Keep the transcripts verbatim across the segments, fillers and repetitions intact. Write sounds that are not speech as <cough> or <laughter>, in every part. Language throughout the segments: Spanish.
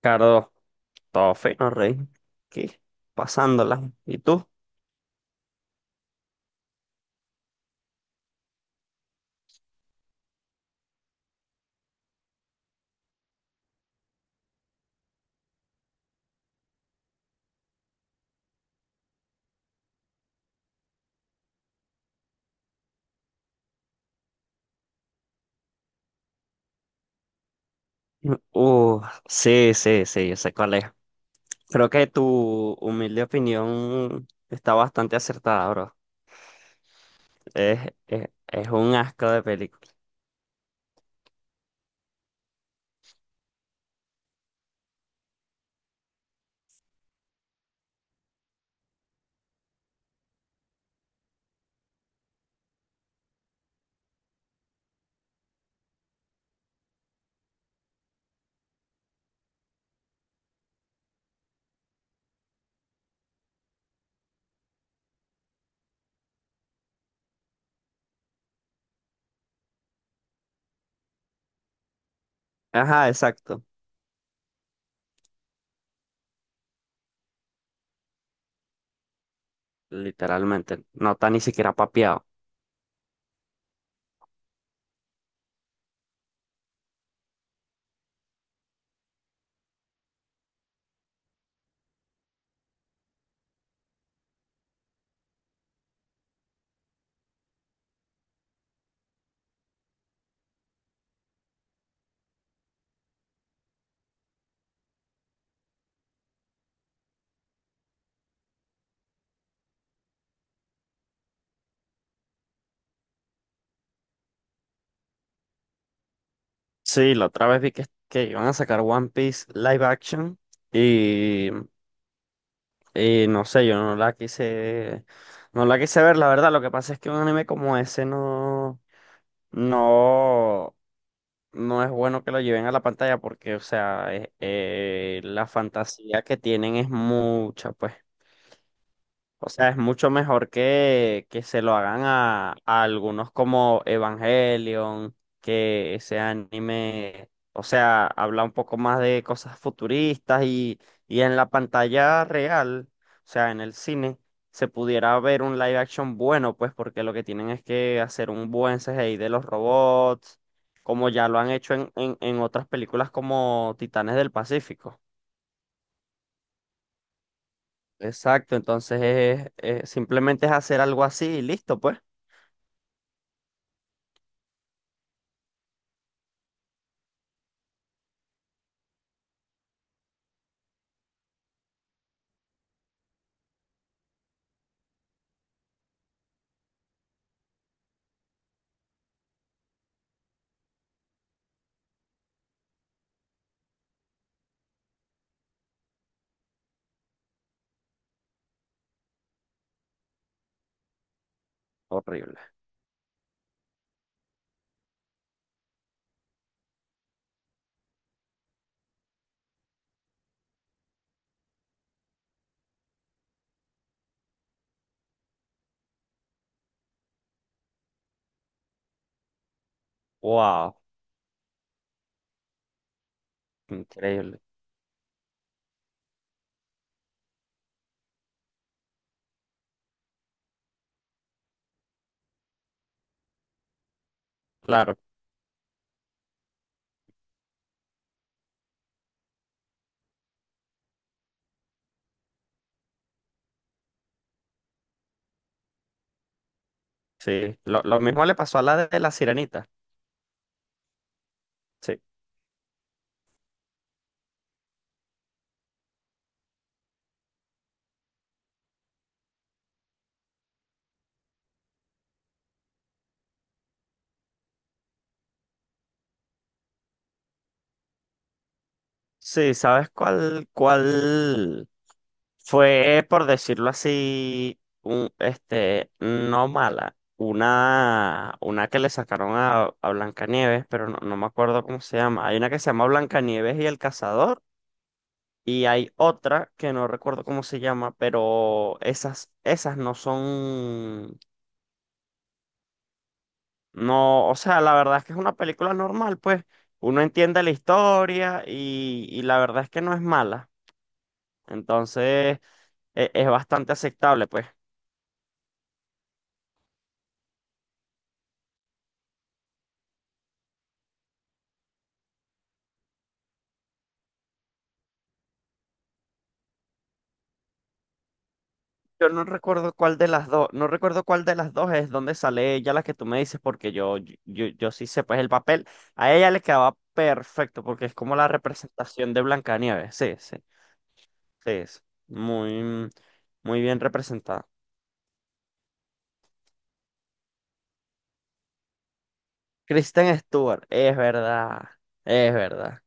Ricardo, todo fino, Ricky. ¿Pas tú? Uh, sí, sí, sí, yo sé cuál es. Creo que tu humilde opinión está bastante acertada, bro. Es, es, es un asco de película. Ajá, exacto. Literalmente. No está ni siquiera papeado. Sí, la otra vez vi que, que iban a sacar One Piece live action y, y no sé, yo no la quise, no la quise ver, la verdad. Lo que pasa es que un anime como ese no, no. no es bueno que lo lleven a la pantalla porque, o sea, es- eh, la fantasía que tienen es mucha, pues. O sea, es mucho mejor que, que se lo hagan a, a algunos como Evangelion, que ese anime, o sea, habla un poco más de cosas futuristas y, y en la pantalla real, o sea, en el cine, se pudiera ver un live action bueno, pues porque lo que tienen es que hacer un buen C G I de los robots, como ya lo han hecho en, en, en otras películas como Titanes del Pacífico. Exacto, entonces es, es- simplemente es hacer algo así y listo, pues. Horrible. Wow, increíble. Claro, sí. Lo, lo mismo le pasó a la de la Sirenita. Sí. Sí, ¿sabes cuál, cuál fue, por decirlo así, un, este, no mala? Una, una que le sacaron a, a Blancanieves, pero no, no me acuerdo cómo se llama. Hay una que se llama Blancanieves y el cazador, y hay otra que no recuerdo cómo se llama, pero esas, esas no son. No, o sea, la verdad es que es una película normal, pues uno entiende la historia y, y la verdad es que no es mala. Entonces, e- es, bastante aceptable, pues. Yo no recuerdo cuál de las dos, no recuerdo cuál de las dos es donde sale ella, la que tú me dices, porque yo, yo, yo, yo sí sé, pues el papel a ella le quedaba perfecto, porque es como la representación de Blancanieves. Sí, sí, sí, es muy, muy bien representada. Kristen Stewart, es verdad, es verdad.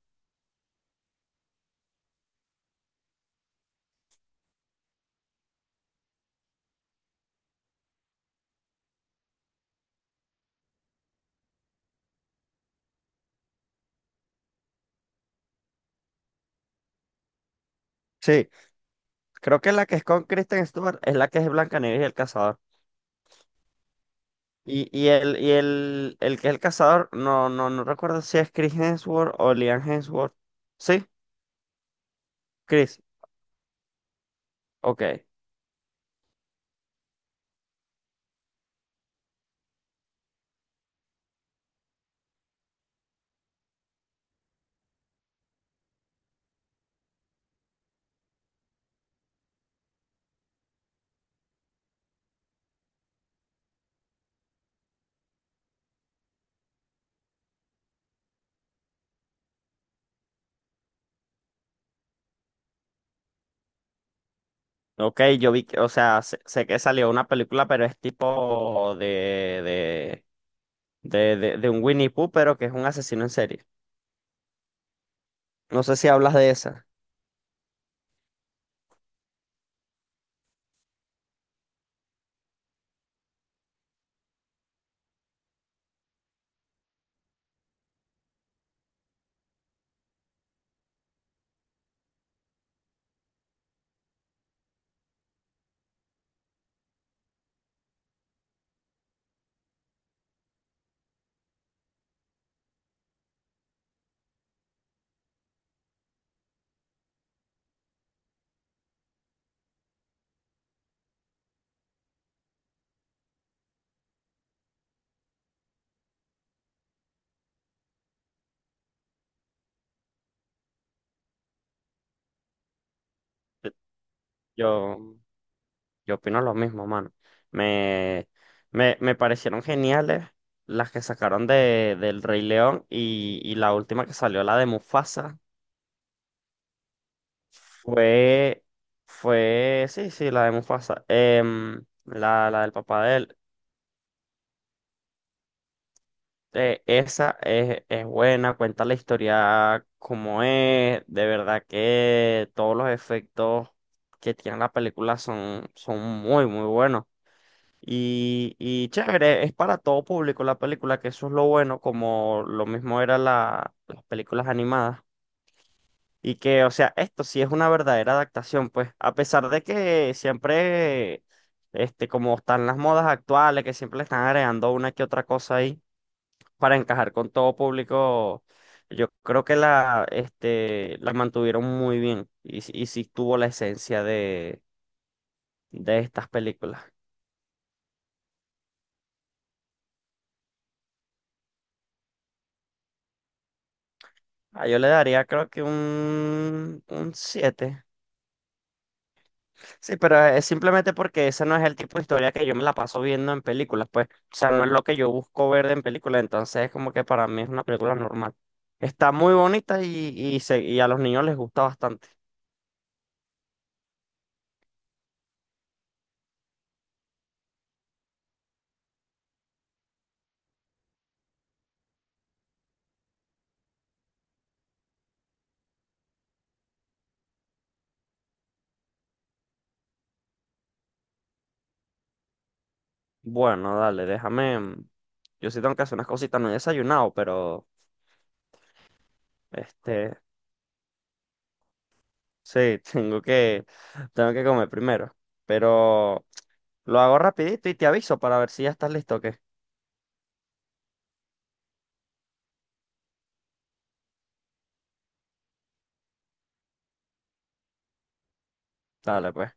Sí. Creo que la que es con Kristen Stewart es la que es Blancanieves y el cazador. Y, y el, y el, el que es el cazador, no, no, no recuerdo si es Chris Hemsworth o Liam Hemsworth. ¿Sí? Chris. Ok. Ok, yo vi que, o sea, sé, sé que salió una película, pero es tipo de, de, de, de, de un Winnie Pooh, pero que es un asesino en serie. No sé si hablas de esa. Yo. Yo opino lo mismo, mano. Me, me, me parecieron geniales las que sacaron de, del Rey León y, y la última que salió, la de Mufasa, fue, fue, sí, sí, la de Mufasa, em, la, la del papá de él. Eh, esa es, es buena, cuenta la historia como es, de verdad que todos los efectos que tiene la película son, son muy, muy buenos. Y, y chévere, es para todo público la película, que eso es lo bueno, como lo mismo era la, las películas animadas. Y que, o sea, esto sí es una verdadera adaptación, pues, a pesar de que siempre, este, como están las modas actuales, que siempre le están agregando una que otra cosa ahí para encajar con todo público, yo creo que la, este, la mantuvieron muy bien y, sí- y sí tuvo la esencia de, de estas películas. Ah, yo le daría creo que un, un siete. Sí, pero es simplemente porque ese no es el tipo de historia que yo me la paso viendo en películas, pues. O sea, no es lo que yo busco ver en películas, entonces es como que para mí es una película normal. Está muy bonita y, y, se- y a los niños les gusta bastante. Bueno, dale, déjame. mm, Yo sí tengo que hacer unas cositas, no he desayunado, pero este, sí, <laughs> tengo que, tengo que comer primero. Pero lo hago rapidito y te aviso para ver si ya estás listo o qué. Dale, pues.